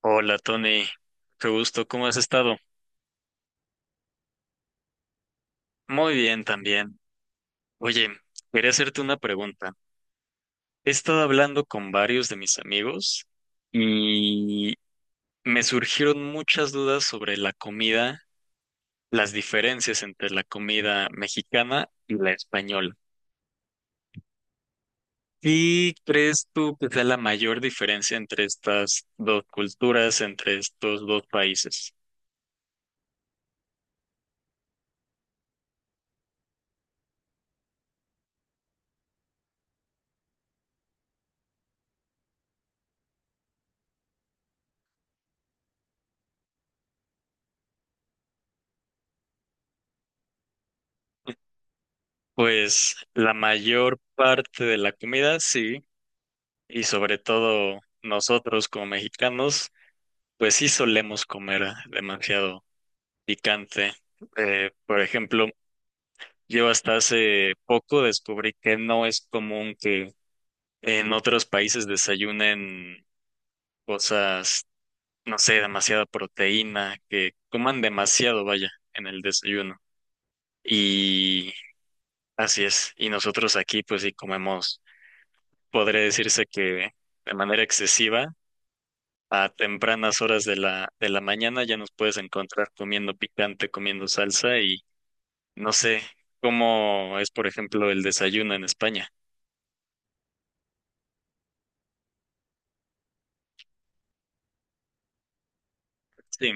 Hola Tony, qué gusto, ¿cómo has estado? Muy bien también. Oye, quería hacerte una pregunta. He estado hablando con varios de mis amigos y me surgieron muchas dudas sobre la comida, las diferencias entre la comida mexicana y la española. ¿Qué crees tú que sea la mayor diferencia entre estas dos culturas, entre estos dos países? Pues la mayor parte de la comida, sí. Y sobre todo nosotros como mexicanos, pues sí solemos comer demasiado picante. Por ejemplo, yo hasta hace poco descubrí que no es común que en otros países desayunen cosas, no sé, demasiada proteína, que coman demasiado, vaya, en el desayuno. Y así es. Y nosotros aquí, pues sí comemos, podría decirse que de manera excesiva a tempranas horas de la mañana ya nos puedes encontrar comiendo picante, comiendo salsa y no sé cómo es, por ejemplo, el desayuno en España. Sí,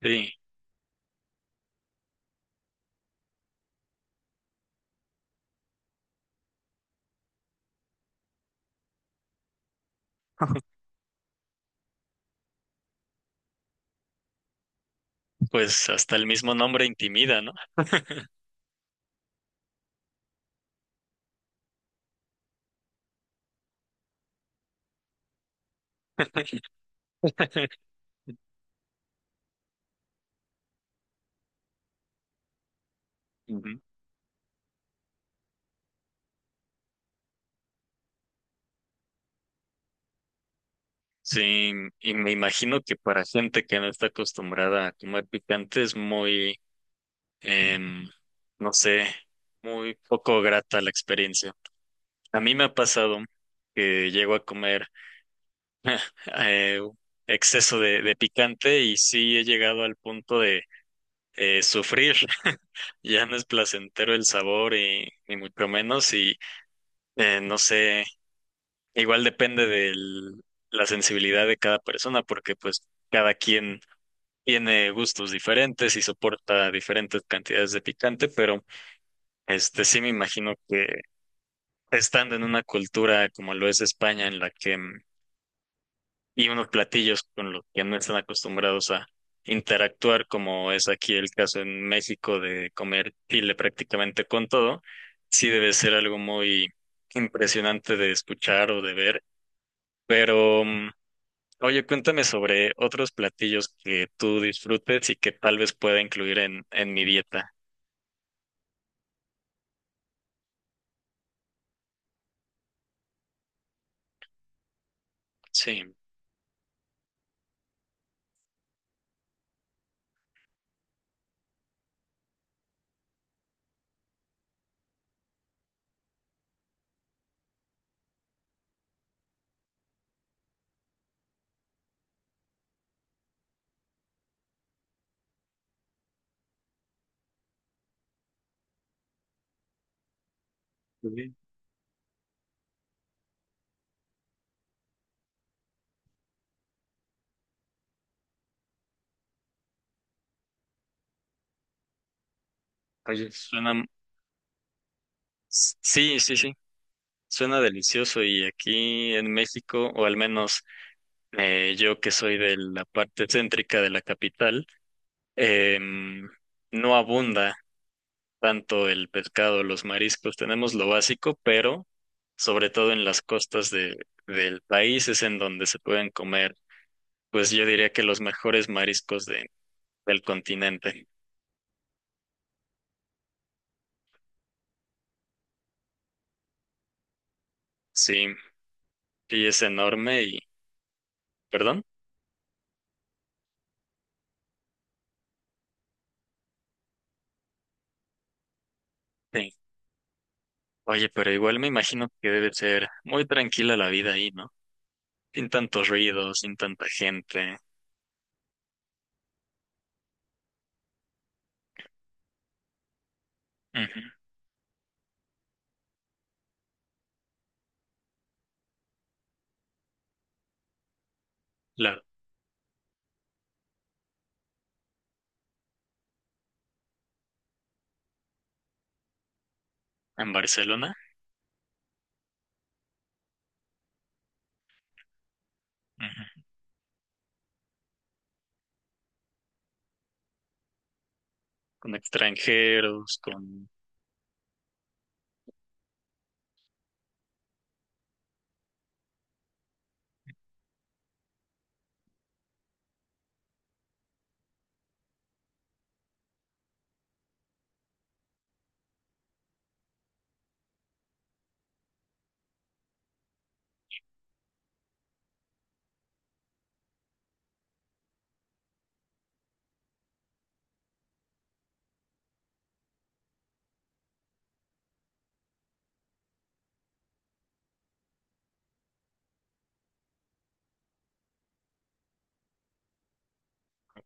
sí, pues hasta el mismo nombre intimida, ¿no? Ujú. Sí, y me imagino que para gente que no está acostumbrada a comer picante es muy, em, no sé, muy poco grata la experiencia. A mí me ha pasado que llego a comer eh, exceso de picante y sí he llegado al punto de sufrir. Ya no es placentero el sabor y ni mucho menos y no sé, igual depende de la sensibilidad de cada persona porque pues cada quien tiene gustos diferentes y soporta diferentes cantidades de picante, pero este sí me imagino que estando en una cultura como lo es España en la que y unos platillos con los que no están acostumbrados a interactuar, como es aquí el caso en México de comer chile prácticamente con todo, sí debe ser algo muy impresionante de escuchar o de ver. Pero, oye, cuéntame sobre otros platillos que tú disfrutes y que tal vez pueda incluir en mi dieta. Sí. Sí. Oye, suena, sí, sí, sí, suena delicioso y aquí en México, o al menos yo que soy de la parte céntrica de la capital, em, no abunda tanto el pescado, los mariscos, tenemos lo básico, pero sobre todo en las costas del país es en donde se pueden comer, pues yo diría que los mejores mariscos del continente. Sí, sí es enorme y, perdón, sí. Oye, pero igual me imagino que debe ser muy tranquila la vida ahí, ¿no? Sin tantos ruidos, sin tanta gente. Ujú. Claro, en Barcelona. Ujú. Con extranjeros, con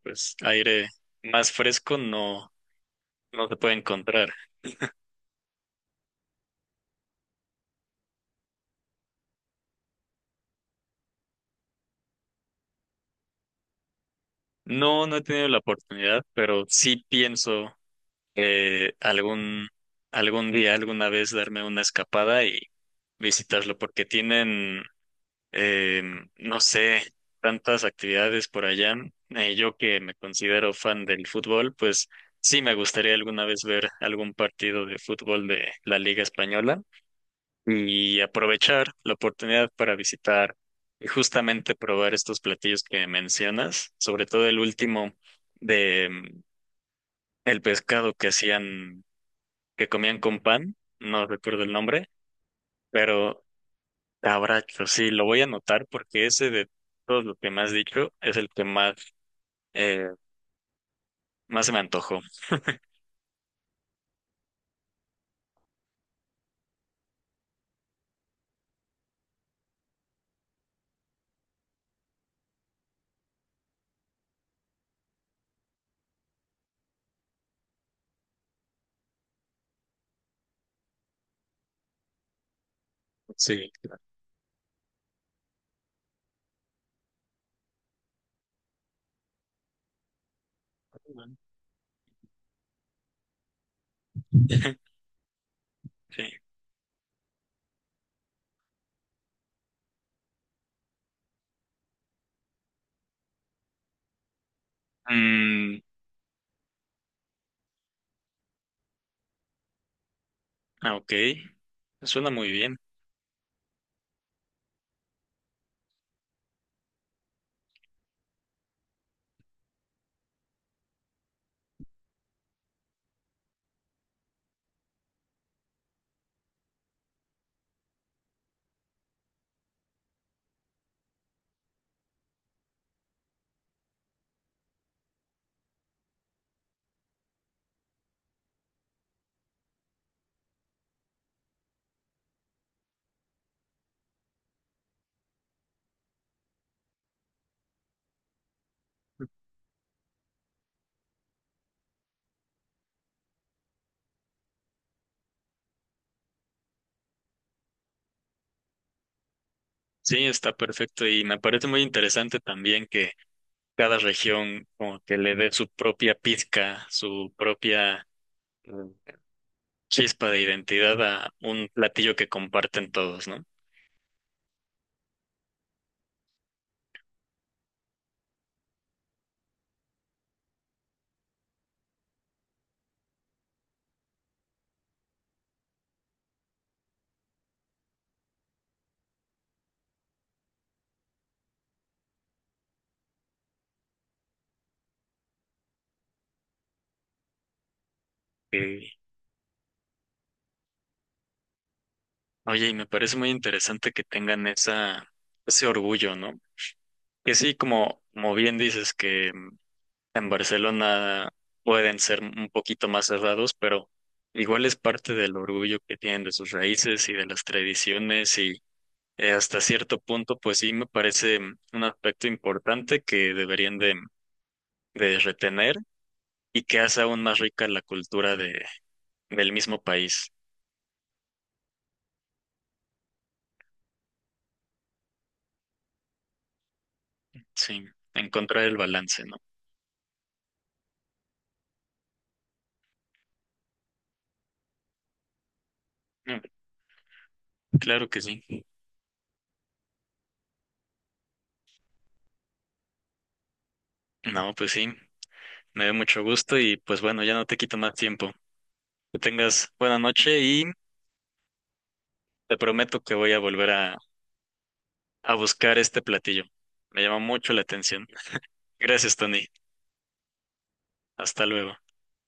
pues aire más fresco no, no se puede encontrar. No, no he tenido la oportunidad, pero sí pienso algún, algún día, alguna vez darme una escapada y visitarlo, porque tienen, eh, no sé, tantas actividades por allá. Yo que me considero fan del fútbol, pues sí me gustaría alguna vez ver algún partido de fútbol de la Liga Española y aprovechar la oportunidad para visitar y justamente probar estos platillos que mencionas, sobre todo el último de el pescado que hacían, que comían con pan, no recuerdo el nombre, pero abracho, sí, lo voy a anotar porque ese de todos los que me has dicho es el que más, eh, más se me antojó. Sí. Claro. Sí. Mm, ah, ok. Suena muy bien. Sí, está perfecto y me parece muy interesante también que cada región como que le dé su propia pizca, su propia mm, chispa de identidad a un platillo que comparten todos, ¿no? Y, oye, y me parece muy interesante que tengan esa, ese orgullo, ¿no? Que sí, como, como bien dices, que en Barcelona pueden ser un poquito más cerrados, pero igual es parte del orgullo que tienen de sus raíces y de las tradiciones hasta cierto punto, pues sí me parece un aspecto importante que deberían de retener y que hace aún más rica la cultura del mismo país. Sí, encontrar el balance, ¿no? Mm, claro que sí. No, pues sí, me da mucho gusto y pues bueno, ya no te quito más tiempo. Que tengas buena noche y te prometo que voy a volver a buscar este platillo. Me llama mucho la atención. Gracias, Tony. Hasta luego.